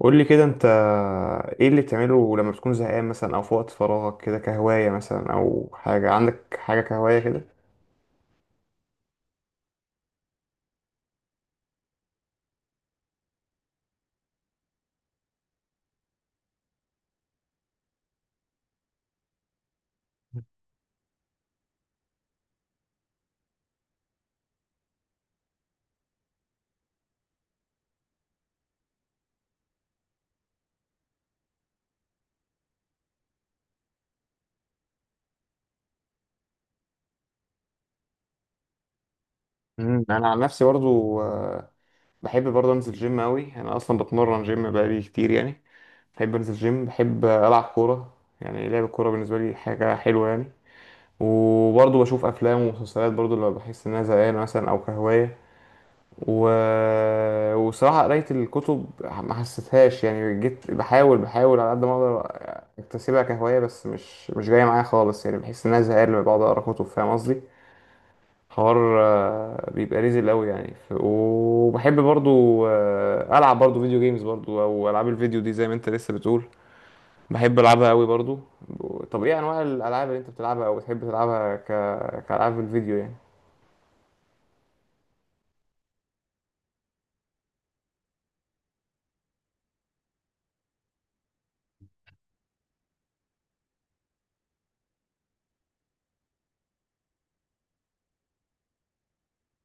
قول لي كده انت ايه اللي بتعمله لما بتكون زهقان مثلا او في وقت فراغك كده كهواية مثلا او حاجة عندك حاجة كهواية كده. انا عن نفسي برضو بحب برضو انزل جيم قوي، انا اصلا بتمرن جيم بقالي كتير يعني. بحب انزل جيم، بحب العب كورة، يعني لعب الكورة بالنسبة لي حاجة حلوة يعني. وبرضو بشوف افلام ومسلسلات برضو لما بحس ان انا زهقان مثلا او كهواية. و... وصراحة قراية الكتب ما حسيتهاش، يعني جيت بحاول، على قد ما اقدر اكتسبها كهواية، بس مش جاية معايا خالص، يعني بحس ان انا زهقان لما بقعد اقرا كتب، فاهم قصدي؟ حوار بيبقى ريزل قوي يعني. وبحب برضو العب برضو فيديو جيمز، برضو او العاب الفيديو دي زي ما انت لسه بتقول، بحب العبها قوي برضو. طب ايه انواع الالعاب اللي انت بتلعبها او بتحب تلعبها كالعاب الفيديو يعني؟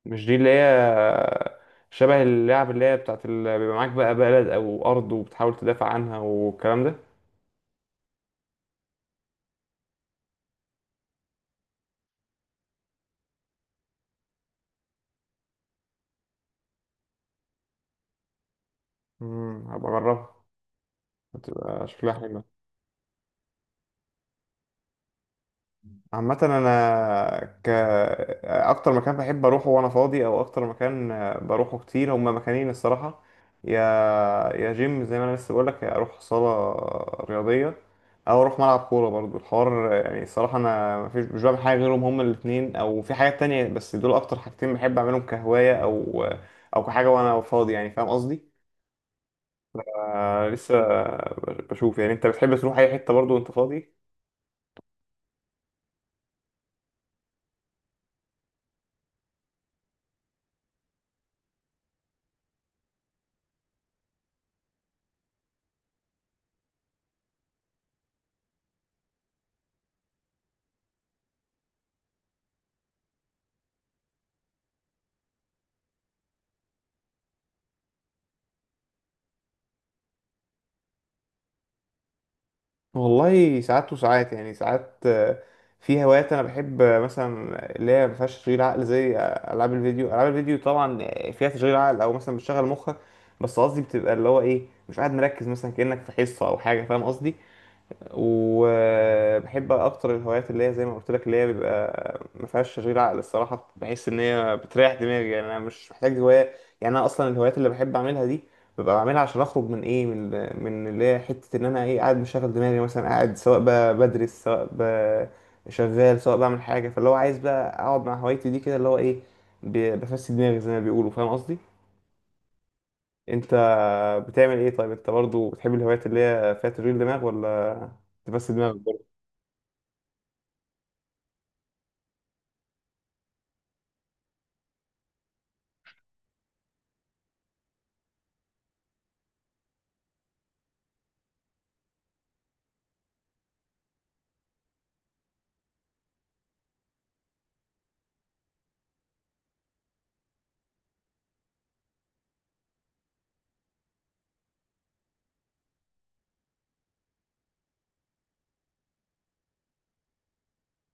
مش دي اللي هي شبه اللعب اللي هي بتاعت اللي بيبقى معاك بقى بلد او ارض وبتحاول تدافع عنها والكلام ده؟ هبقى اجربها، هتبقى شكلها حلو. عامة أنا أكتر مكان بحب أروحه وأنا فاضي، أو أكتر مكان بروحه كتير، هما مكانين الصراحة. يا يا جيم زي ما أنا لسه بقولك، يا أروح صالة رياضية أو أروح ملعب كورة، برضو الحوار يعني. الصراحة أنا مفيش، مش بعمل حاجة غيرهم، هما الاتنين، أو في حاجات تانية بس دول أكتر حاجتين بحب أعملهم كهواية أو أو كحاجة وأنا فاضي يعني. فاهم قصدي؟ ف- لسه بشوف. يعني أنت بتحب تروح أي حتة برضو وأنت فاضي؟ والله ساعات وساعات يعني. ساعات في هوايات انا بحب مثلا اللي هي ما فيهاش تشغيل عقل زي العاب الفيديو. العاب الفيديو طبعا فيها تشغيل عقل او مثلا بتشغل مخك، بس قصدي بتبقى اللي هو ايه، مش قاعد مركز مثلا كأنك في حصة او حاجة، فاهم قصدي؟ وبحب اكتر الهوايات اللي هي زي ما قلت لك، اللي هي بيبقى ما فيهاش تشغيل عقل. الصراحه بحس ان هي بتريح دماغي، يعني انا مش محتاج هوايه. يعني انا اصلا الهوايات اللي بحب اعملها دي ببقى بعملها عشان اخرج من ايه، من من اللي هي حته ان انا ايه، قاعد مشغل دماغي مثلا، قاعد سواء بدرس، سواء شغال، سواء بعمل حاجه. فاللي هو عايز بقى اقعد مع هوايتي دي كده اللي هو ايه، بفسد دماغي زي ما بيقولوا، فاهم قصدي؟ انت بتعمل ايه؟ طيب انت برضو بتحب الهوايات اللي هي فيها تشغيل دماغ ولا تفسد دماغك؟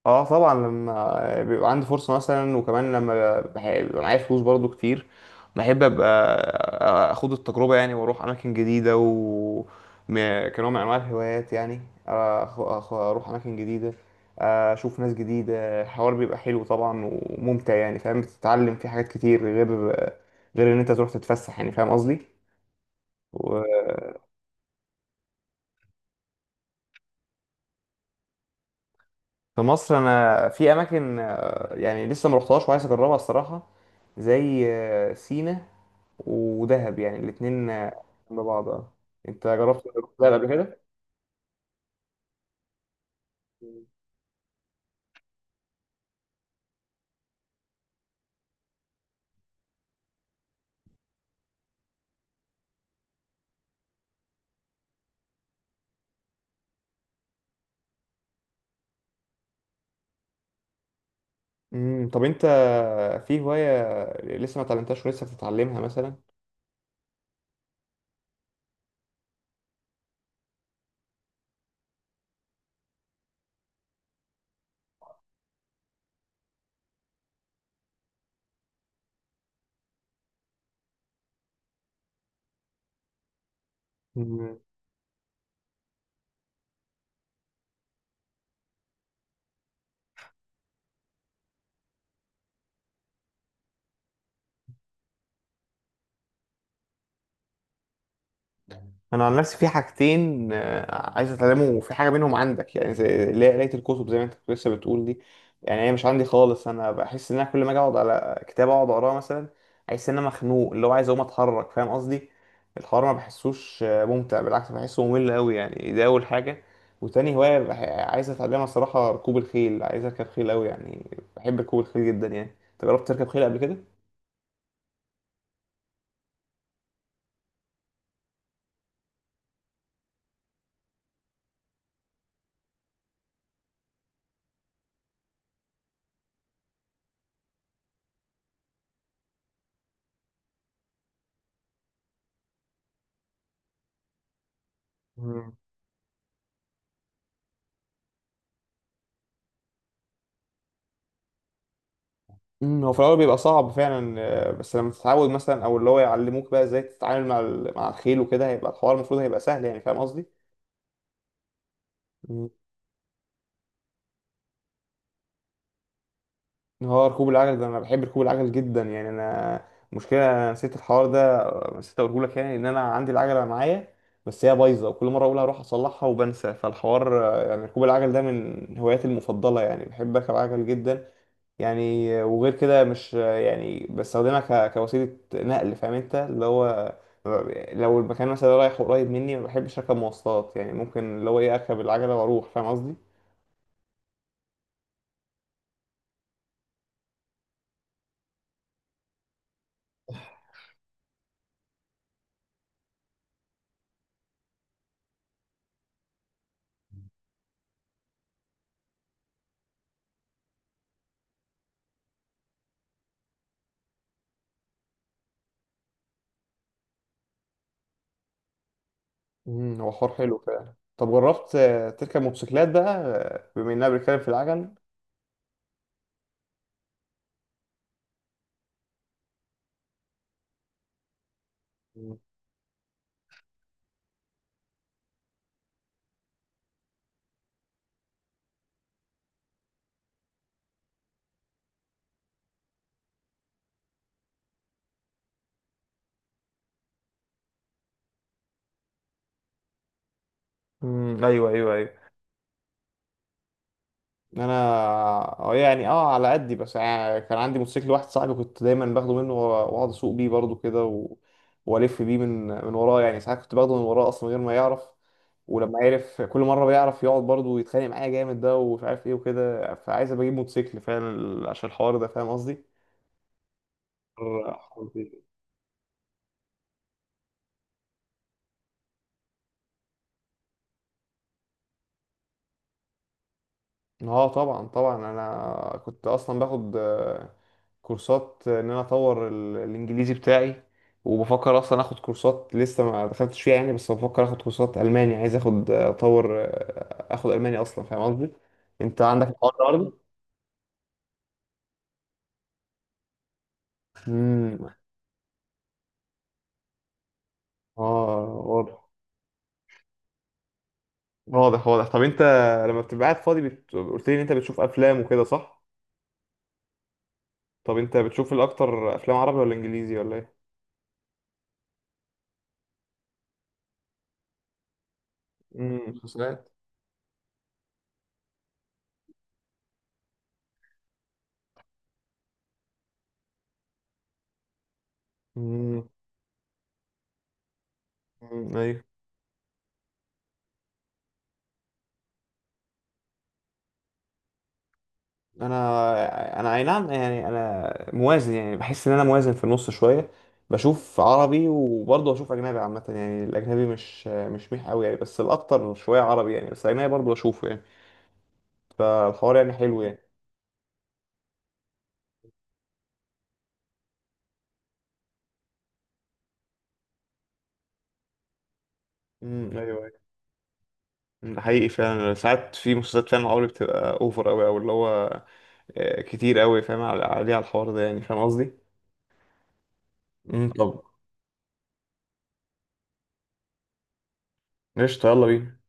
اه طبعا، لما بيبقى عندي فرصة مثلا وكمان لما بيبقى معايا فلوس برضو كتير، بحب ابقى اخد التجربة يعني، واروح اماكن جديدة و كنوع من انواع الهوايات يعني. أخ- اروح اماكن جديدة، اشوف ناس جديدة، الحوار بيبقى حلو طبعا وممتع يعني، فاهم بتتعلم فيه حاجات كتير غير ان انت تروح تتفسح، يعني فاهم قصدي؟ و- في مصر انا في اماكن يعني لسه ما رحتهاش وعايز اجربها الصراحة، زي سينا ودهب، يعني الاتنين جنب بعض. اه، انت جربت تروح دهب قبل كده؟ طب انت في هواية لسه ما اتعلمتهاش ولسه بتتعلمها مثلا؟ انا عن نفسي في حاجتين عايز اتعلمه، وفي حاجه منهم عندك، يعني زي اللي هي قرايه الكتب زي ما انت كنت لسه بتقول دي. يعني هي مش عندي خالص، انا بحس ان انا كل ما اجي اقعد على كتاب اقعد اقراه مثلا، احس ان انا مخنوق اللي هو عايز اقوم اتحرك، فاهم قصدي؟ الحوار ما بحسوش ممتع، بالعكس بحسه ممل قوي يعني، ده اول حاجه. وتاني هوايه عايز اتعلمها الصراحه، ركوب الخيل، عايز اركب خيل قوي يعني. بحب ركوب الخيل جدا يعني. انت جربت تركب خيل قبل كده؟ مم، هو في الأول بيبقى صعب فعلا بس لما تتعود مثلا، أو اللي هو يعلموك بقى إزاي تتعامل مع مع الخيل وكده، هيبقى الحوار المفروض هيبقى سهل يعني، فاهم قصدي؟ مم. هو ركوب العجل ده أنا بحب ركوب العجل جدا يعني. أنا مشكلة نسيت الحوار ده، نسيت أقوله لك، يعني إن أنا عندي العجلة معايا بس هي بايظة، وكل مرة أقول هروح أصلحها وبنسى. فالحوار يعني ركوب العجل ده من هواياتي المفضلة، يعني بحب أركب عجل جدا يعني. وغير كده مش يعني بستخدمها كوسيلة نقل، فاهم انت اللي هو لو المكان مثلا رايح قريب مني ما بحبش اركب مواصلات، يعني ممكن اللي هو ايه اركب العجلة واروح، فاهم قصدي؟ هو حوار حلو فعلا. طب جربت تركب موتوسيكلات بقى بما اننا بنتكلم في العجل؟ مم. ايوه، ايوه، ايوه. انا يعني اه على قدي بس، يعني كان عندي موتوسيكل واحد صاحبي كنت دايما باخده منه، واقعد اسوق بيه برضه كده والف بيه من وراه يعني. ساعات كنت باخده من وراه اصلا من غير ما يعرف، ولما عرف كل مره بيعرف يقعد برضه ويتخانق معايا جامد ده ومش عارف ايه وكده، فعايز ابقى اجيب موتوسيكل فعلا عشان الحوار ده، فاهم قصدي؟ اه طبعا، طبعا انا كنت اصلا باخد كورسات ان انا اطور الانجليزي بتاعي، وبفكر اصلا اخد كورسات لسه ما دخلتش فيها يعني، بس بفكر اخد كورسات الماني، عايز اخد اطور اخد الماني اصلا، فاهم قصدي؟ انت عندك الحوار ده برضه؟ امم اه. واضح واضح. طب انت لما بتبقى قاعد فاضي قلت لي ان انت بتشوف افلام وكده صح؟ طب انت بتشوف الاكتر افلام عربي ولا انجليزي ولا ايه؟ مسلسلات. امم أمم، ايوه. انا اي نعم، يعني انا موازن، يعني بحس ان انا موازن في النص شويه، بشوف عربي وبرضه بشوف اجنبي عامه يعني. الاجنبي مش ميح قوي يعني، بس الاكتر شويه عربي يعني، بس الاجنبي برضه بشوفه يعني. فالحوار يعني حلو يعني. ايوه، ايوه. أمم، ده حقيقي فعلا، ساعات في مسلسلات فعلا عربي بتبقى اوفر قوي، او اللي هو كتير قوي فاهم عليه على الحوار ده يعني، فاهم قصدي؟ طب قشطة، يلا بينا.